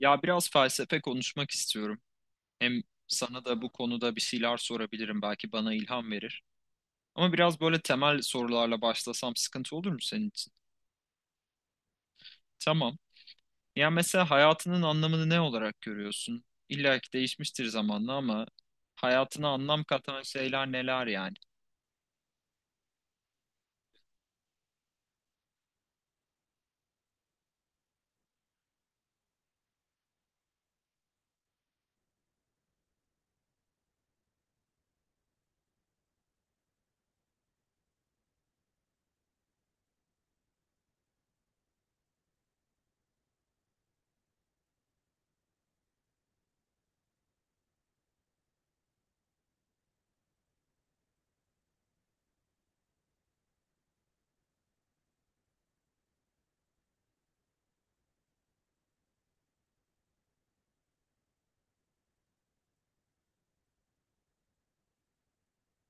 Ya biraz felsefe konuşmak istiyorum. Hem sana da bu konuda bir şeyler sorabilirim. Belki bana ilham verir. Ama biraz böyle temel sorularla başlasam sıkıntı olur mu senin için? Tamam. Ya mesela hayatının anlamını ne olarak görüyorsun? İlla ki değişmiştir zamanla ama hayatına anlam katan şeyler neler yani?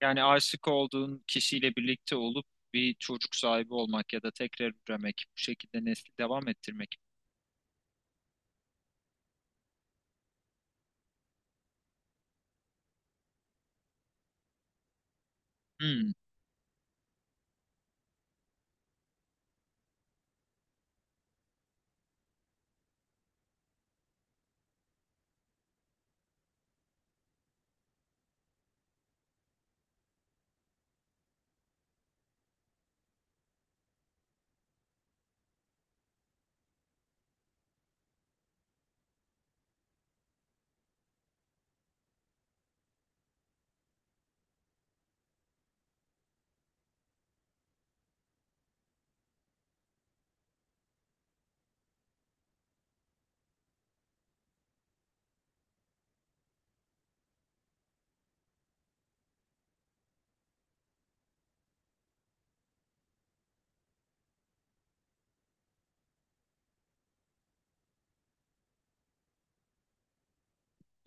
Yani aşık olduğun kişiyle birlikte olup bir çocuk sahibi olmak ya da tekrar üremek, bu şekilde nesli devam ettirmek. Hmm,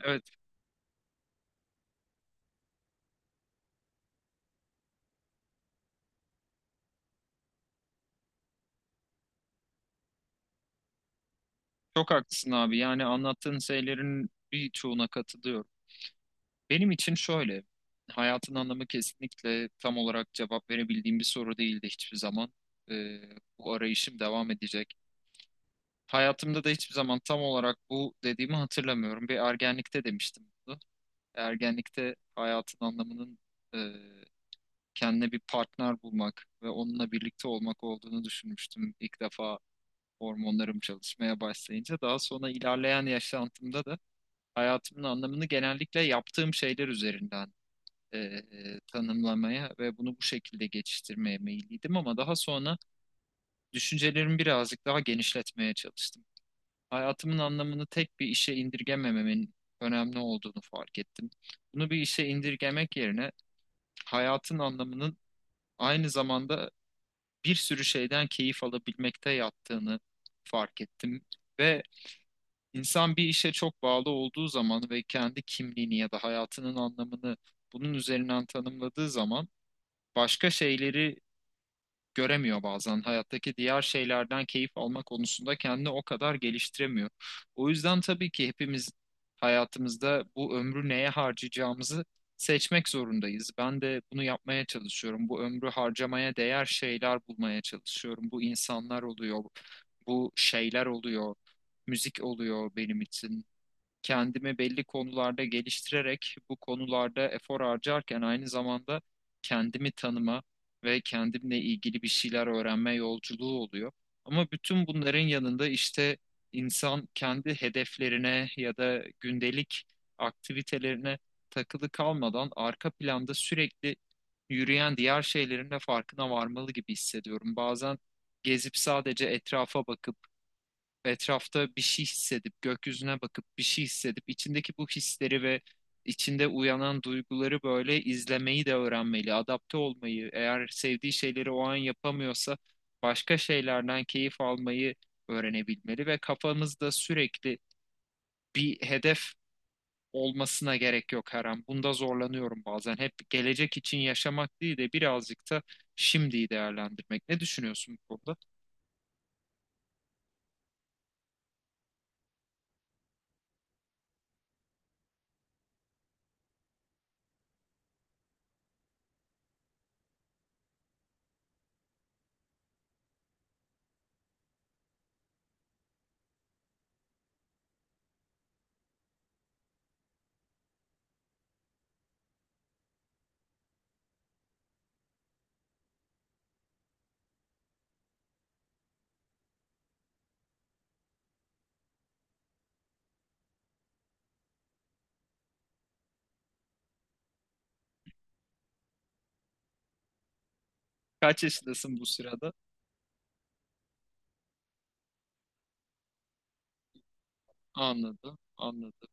evet, çok haklısın abi. Yani anlattığın şeylerin birçoğuna katılıyorum. Benim için şöyle, hayatın anlamı kesinlikle tam olarak cevap verebildiğim bir soru değildi hiçbir zaman. Ee, Bu arayışım devam edecek. Hayatımda da hiçbir zaman tam olarak bu dediğimi hatırlamıyorum. Bir ergenlikte demiştim bunu. Ergenlikte hayatın anlamının e, kendine bir partner bulmak ve onunla birlikte olmak olduğunu düşünmüştüm ilk defa hormonlarım çalışmaya başlayınca. Daha sonra ilerleyen yaşantımda da hayatımın anlamını genellikle yaptığım şeyler üzerinden tanımlamaya ve bunu bu şekilde geçiştirmeye meyilliydim ama daha sonra düşüncelerimi birazcık daha genişletmeye çalıştım. Hayatımın anlamını tek bir işe indirgemememin önemli olduğunu fark ettim. Bunu bir işe indirgemek yerine hayatın anlamının aynı zamanda bir sürü şeyden keyif alabilmekte yattığını fark ettim. Ve insan bir işe çok bağlı olduğu zaman ve kendi kimliğini ya da hayatının anlamını bunun üzerinden tanımladığı zaman başka şeyleri göremiyor bazen. Hayattaki diğer şeylerden keyif alma konusunda kendini o kadar geliştiremiyor. O yüzden tabii ki hepimiz hayatımızda bu ömrü neye harcayacağımızı seçmek zorundayız. Ben de bunu yapmaya çalışıyorum. Bu ömrü harcamaya değer şeyler bulmaya çalışıyorum. Bu insanlar oluyor, bu şeyler oluyor, müzik oluyor benim için kendimi belli konularda geliştirerek bu konularda efor harcarken aynı zamanda kendimi tanıma ve kendimle ilgili bir şeyler öğrenme yolculuğu oluyor. Ama bütün bunların yanında işte insan kendi hedeflerine ya da gündelik aktivitelerine takılı kalmadan arka planda sürekli yürüyen diğer şeylerin de farkına varmalı gibi hissediyorum. Bazen gezip sadece etrafa bakıp etrafta bir şey hissedip, gökyüzüne bakıp bir şey hissedip, içindeki bu hisleri ve içinde uyanan duyguları böyle izlemeyi de öğrenmeli, adapte olmayı, eğer sevdiği şeyleri o an yapamıyorsa başka şeylerden keyif almayı öğrenebilmeli ve kafamızda sürekli bir hedef olmasına gerek yok her an. Bunda zorlanıyorum bazen. Hep gelecek için yaşamak değil de birazcık da şimdiyi değerlendirmek. Ne düşünüyorsun bu konuda? Kaç yaşındasın bu sırada? Anladım, anladım.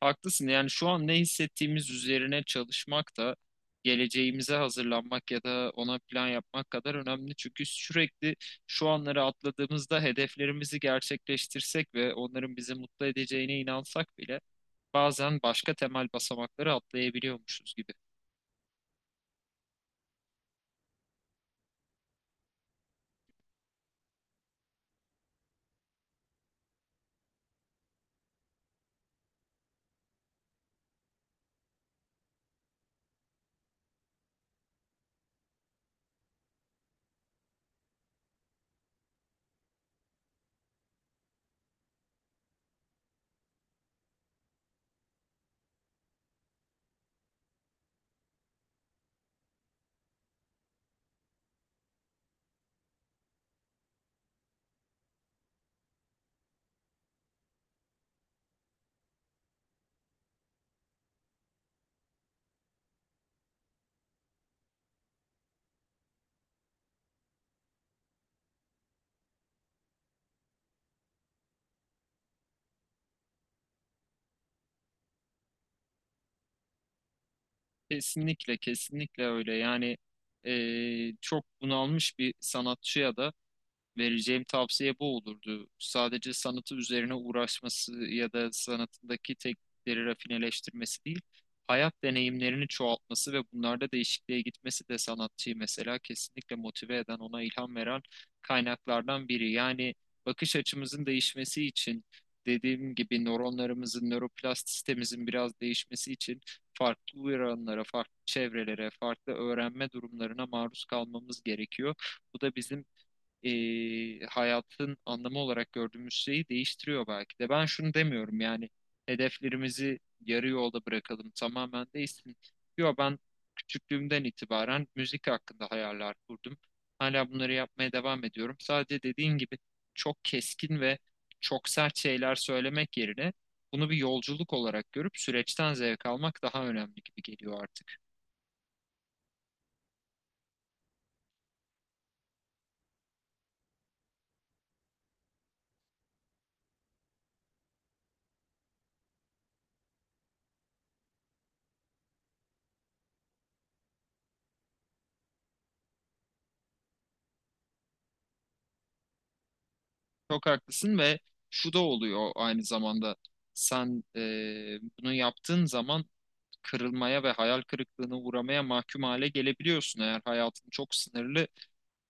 Haklısın. Yani şu an ne hissettiğimiz üzerine çalışmak da geleceğimize hazırlanmak ya da ona plan yapmak kadar önemli. Çünkü sürekli şu anları atladığımızda hedeflerimizi gerçekleştirsek ve onların bizi mutlu edeceğine inansak bile bazen başka temel basamakları atlayabiliyormuşuz gibi. Kesinlikle, kesinlikle öyle. Yani çok bunalmış bir sanatçıya da vereceğim tavsiye bu olurdu. Sadece sanatı üzerine uğraşması ya da sanatındaki teknikleri rafineleştirmesi değil, hayat deneyimlerini çoğaltması ve bunlarda değişikliğe gitmesi de sanatçıyı mesela kesinlikle motive eden, ona ilham veren kaynaklardan biri. Yani bakış açımızın değişmesi için, dediğim gibi nöronlarımızın, nöroplastistemizin biraz değişmesi için farklı uyaranlara, farklı çevrelere, farklı öğrenme durumlarına maruz kalmamız gerekiyor. Bu da bizim hayatın anlamı olarak gördüğümüz şeyi değiştiriyor belki de. Ben şunu demiyorum yani hedeflerimizi yarı yolda bırakalım tamamen değişsin. Yok ben küçüklüğümden itibaren müzik hakkında hayaller kurdum. Hala bunları yapmaya devam ediyorum. Sadece dediğin gibi çok keskin ve çok sert şeyler söylemek yerine bunu bir yolculuk olarak görüp süreçten zevk almak daha önemli gibi geliyor artık. Çok haklısın ve şu da oluyor aynı zamanda. Sen bunu yaptığın zaman kırılmaya ve hayal kırıklığına uğramaya mahkum hale gelebiliyorsun. Eğer hayatın çok sınırlı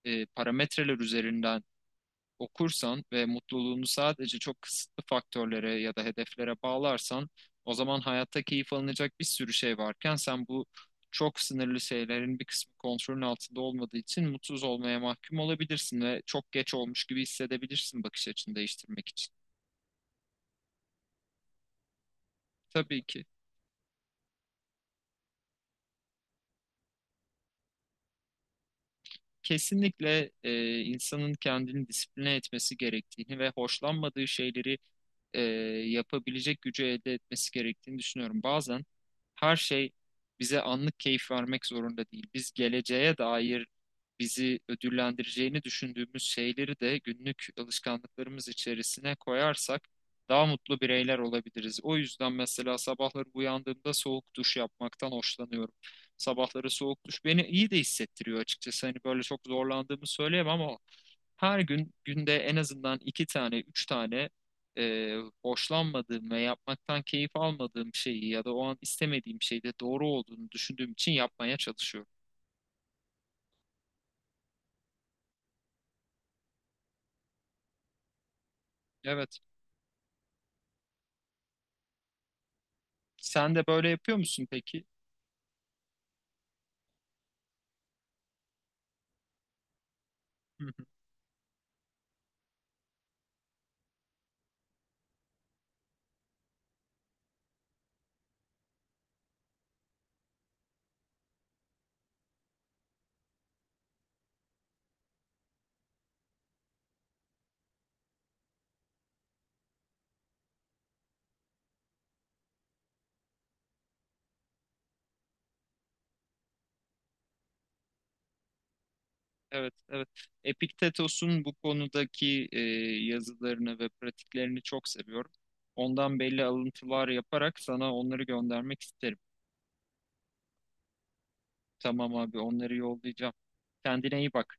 parametreler üzerinden okursan ve mutluluğunu sadece çok kısıtlı faktörlere ya da hedeflere bağlarsan o zaman hayatta keyif alınacak bir sürü şey varken sen bu çok sınırlı şeylerin bir kısmı kontrolün altında olmadığı için mutsuz olmaya mahkum olabilirsin ve çok geç olmuş gibi hissedebilirsin bakış açını değiştirmek için. Tabii ki. Kesinlikle insanın kendini disipline etmesi gerektiğini ve hoşlanmadığı şeyleri e, yapabilecek gücü elde etmesi gerektiğini düşünüyorum. Bazen her şey bize anlık keyif vermek zorunda değil. Biz geleceğe dair bizi ödüllendireceğini düşündüğümüz şeyleri de günlük alışkanlıklarımız içerisine koyarsak daha mutlu bireyler olabiliriz. O yüzden mesela sabahları uyandığımda soğuk duş yapmaktan hoşlanıyorum. Sabahları soğuk duş beni iyi de hissettiriyor açıkçası. Hani böyle çok zorlandığımı söyleyemem ama her gün günde en azından 2 tane, 3 tane e, hoşlanmadığım ve yapmaktan keyif almadığım şeyi ya da o an istemediğim şeyde doğru olduğunu düşündüğüm için yapmaya çalışıyorum. Evet. Sen de böyle yapıyor musun peki? Hı hı. Evet, evet. Epiktetos'un bu konudaki yazılarını ve pratiklerini çok seviyorum. Ondan belli alıntılar yaparak sana onları göndermek isterim. Tamam abi, onları yollayacağım. Kendine iyi bak.